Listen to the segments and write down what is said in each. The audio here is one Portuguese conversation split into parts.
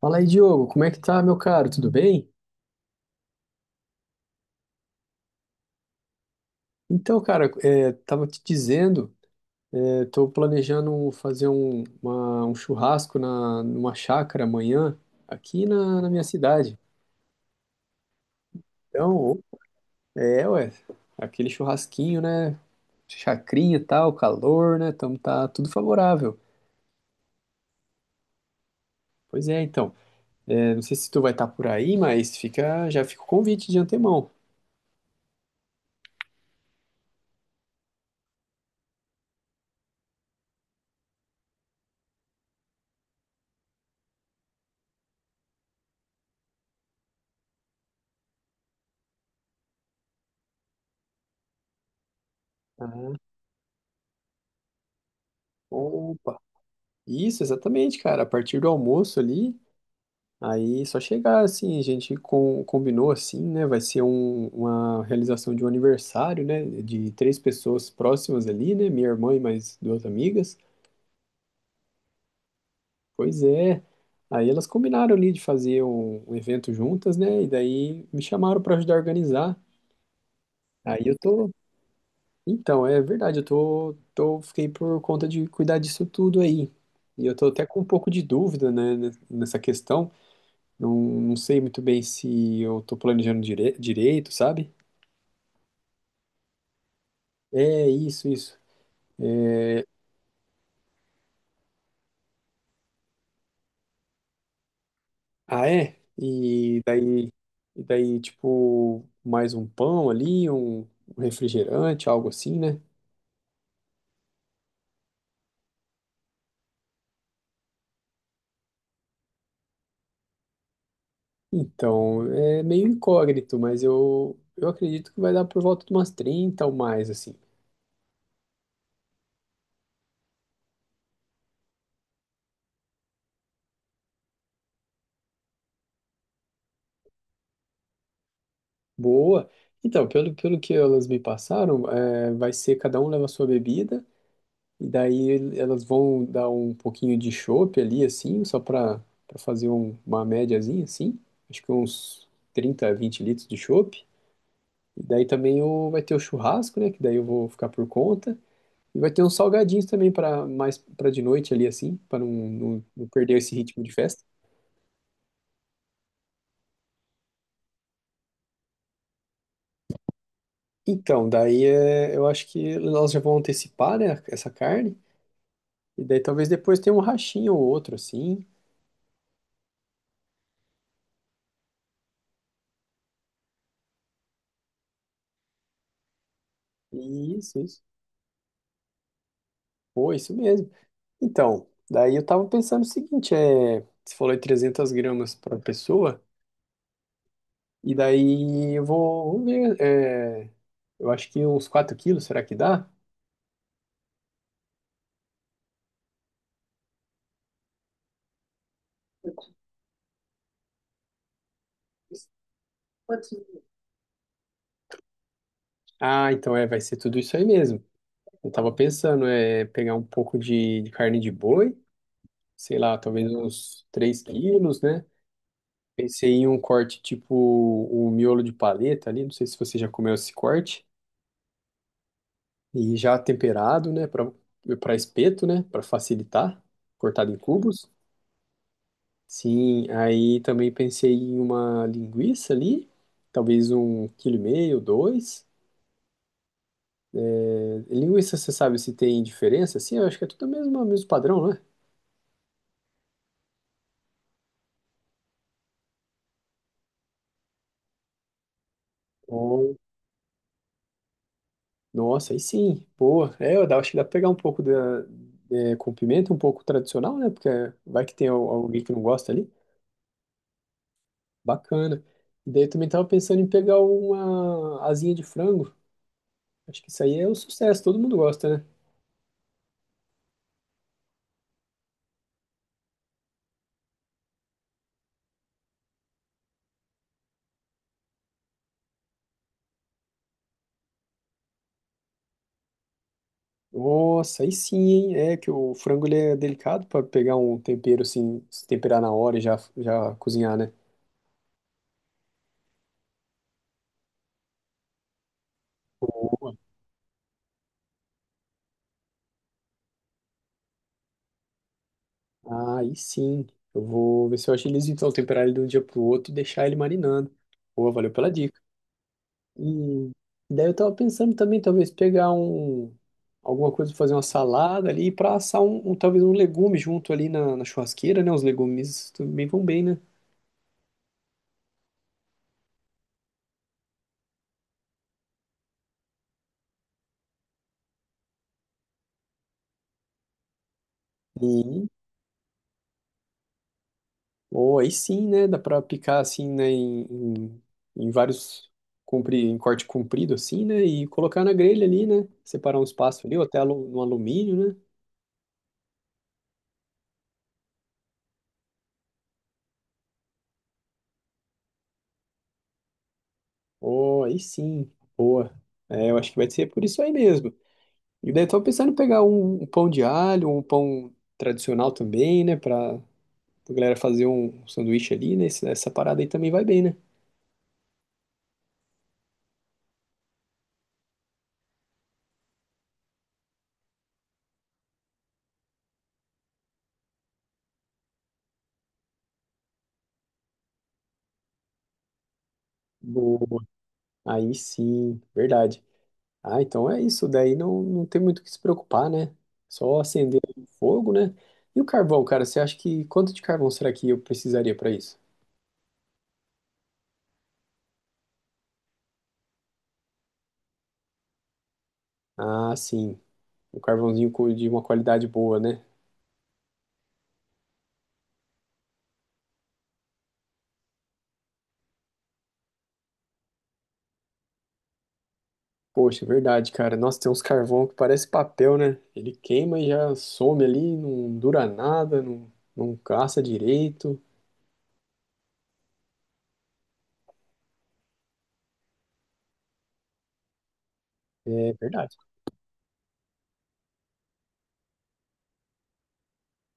Fala aí, Diogo, como é que tá, meu caro? Tudo bem? Então, cara, tava te dizendo, tô planejando fazer um churrasco numa chácara amanhã, aqui na minha cidade. Então, ué, aquele churrasquinho, né? Chacrinha e tal, calor, né? Então tá tudo favorável. Pois é, então. É, não sei se tu vai estar por aí, mas fica, já fica o convite de antemão. Ah, opa! Isso, exatamente, cara. A partir do almoço ali. Aí só chegar assim, a gente combinou assim, né? Vai ser uma realização de um aniversário, né? De três pessoas próximas ali, né? Minha irmã e mais duas amigas. Pois é. Aí elas combinaram ali de fazer um evento juntas, né? E daí me chamaram para ajudar a organizar. Aí eu tô. Então, é verdade, fiquei por conta de cuidar disso tudo aí. E eu tô até com um pouco de dúvida, né, nessa questão. Não, não sei muito bem se eu tô planejando direito, sabe? É isso, isso. Ah, é? E daí, tipo, mais um pão ali, um refrigerante, algo assim, né? Então, é meio incógnito, mas eu acredito que vai dar por volta de umas 30 ou mais, assim. Boa! Então, pelo que elas me passaram, vai ser cada um leva a sua bebida, e daí elas vão dar um pouquinho de chopp ali, assim, só para fazer uma médiazinha, assim. Acho que uns 30 20 litros de chopp. E daí também vai ter o churrasco, né? Que daí eu vou ficar por conta. E vai ter uns salgadinhos também para mais para de noite ali, assim, para não perder esse ritmo de festa. Então, daí eu acho que elas já vão antecipar, né, essa carne. E daí talvez depois tenha um rachinho ou outro, assim. Isso, isso. Pô, isso mesmo. Então, daí eu tava pensando o seguinte, você falou em 300 gramas para pessoa. E daí eu vou, vamos ver, eu acho que uns 4 quilos, será que dá? Ah, então vai ser tudo isso aí mesmo. Eu tava pensando, é pegar um pouco de carne de boi, sei lá, talvez uns 3 quilos, né? Pensei em um corte tipo o miolo de paleta ali, não sei se você já comeu esse corte, e já temperado, né, para espeto, né, para facilitar, cortado em cubos. Sim, aí também pensei em uma linguiça ali, talvez 1 quilo e meio, dois. É, linguiça, você sabe se tem diferença? Sim, eu acho que é tudo o mesmo, mesmo padrão, né? Nossa, aí sim, boa. É, acho que dá pra pegar um pouco da, com pimenta, um pouco tradicional, né? Porque vai que tem alguém que não gosta ali. Bacana. E daí eu também tava pensando em pegar uma asinha de frango. Acho que isso aí é um sucesso, todo mundo gosta, né? Nossa, aí sim, hein? É que o frango ele é delicado pra pegar um tempero assim, se temperar na hora e já cozinhar, né? Ah, aí sim. Eu vou ver se eu agilizo então temperar ele de um dia pro outro e deixar ele marinando. Boa, valeu pela dica. E daí eu tava pensando também, talvez pegar alguma coisa pra fazer uma salada ali para assar talvez um legume junto ali na churrasqueira, né? Os legumes também vão bem, né? E, ou aí sim, né? Dá pra picar assim, né? Em em corte comprido assim, né? E colocar na grelha ali, né? Separar um espaço ali, ou até no alumínio, né? Ou aí sim, boa. É, eu acho que vai ser por isso aí mesmo. E daí tô pensando em pegar um pão de alho, um pão tradicional também, né? Pra, a galera fazer um sanduíche ali, né? Essa parada aí também vai bem, né? Boa. Aí sim, verdade. Ah, então é isso. Daí não tem muito o que se preocupar, né? Só acender o fogo, né? E o carvão, cara, você acha que quanto de carvão será que eu precisaria para isso? Ah, sim. Um carvãozinho de uma qualidade boa, né? Poxa, é verdade, cara. Nossa, tem uns carvão que parece papel, né? Ele queima e já some ali, não dura nada, não caça direito. É verdade.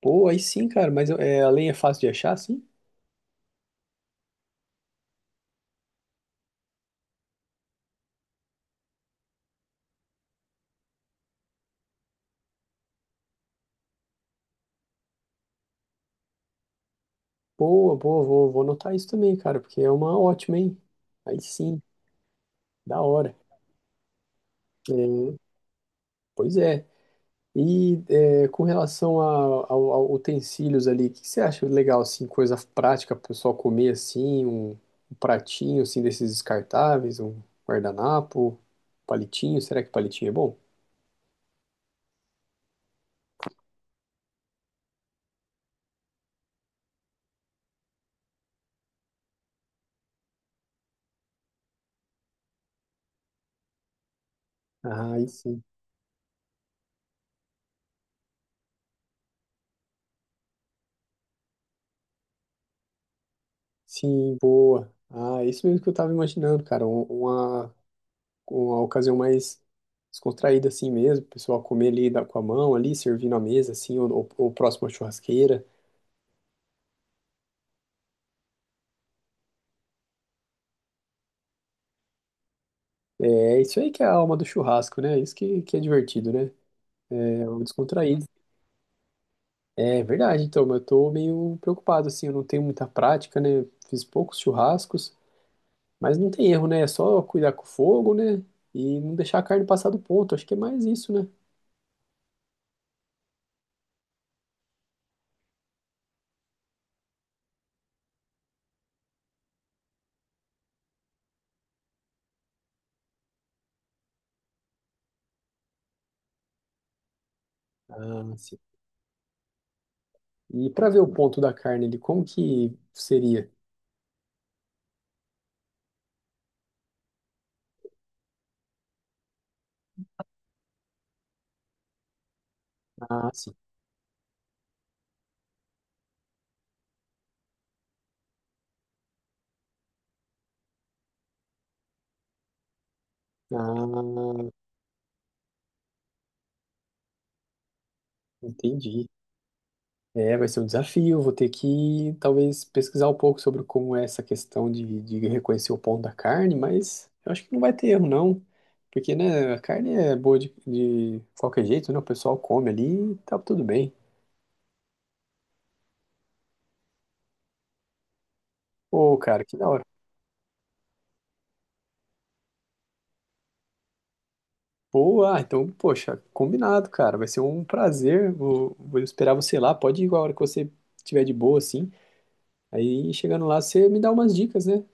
Pô, aí sim, cara, mas é, a lenha é fácil de achar, sim? Boa, boa, vou anotar isso também, cara, porque é uma ótima, hein? Aí sim, da hora. É, pois é. E com relação a, ao utensílios ali, o que você acha legal, assim, coisa prática para o pessoal comer, assim, um pratinho, assim, desses descartáveis, um guardanapo, palitinho, será que palitinho é bom? Ah, aí sim. Sim, boa. Ah, é isso mesmo que eu tava imaginando, cara, uma ocasião mais descontraída, assim mesmo, o pessoal comer ali com a mão, ali, servindo à mesa, assim, ou próximo à churrasqueira. É isso aí que é a alma do churrasco, né? Isso que é divertido, né? Algo descontraído. É verdade, então, mas eu tô meio preocupado, assim, eu não tenho muita prática, né? Fiz poucos churrascos, mas não tem erro, né? É só cuidar com o fogo, né? E não deixar a carne passar do ponto, acho que é mais isso, né? Ah, sim. E para ver o ponto da carne ali, como que seria? Ah, sim. Ah, entendi. É, vai ser um desafio. Vou ter que talvez pesquisar um pouco sobre como é essa questão de reconhecer o ponto da carne, mas eu acho que não vai ter erro, não. Porque, né, a carne é boa de qualquer jeito, né? O pessoal come ali e tá tudo bem. Pô, cara, que da hora. Boa, ah, então, poxa, combinado, cara. Vai ser um prazer. Vou esperar você lá. Pode ir igual a hora que você tiver de boa, assim. Aí, chegando lá, você me dá umas dicas, né?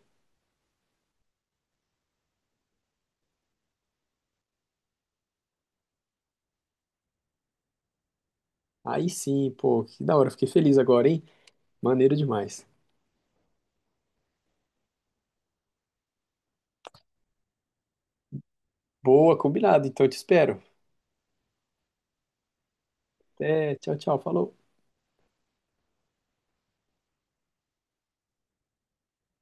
Aí sim, pô, que da hora. Fiquei feliz agora, hein? Maneiro demais. Boa, combinado. Então eu te espero. Até, tchau, tchau. Falou.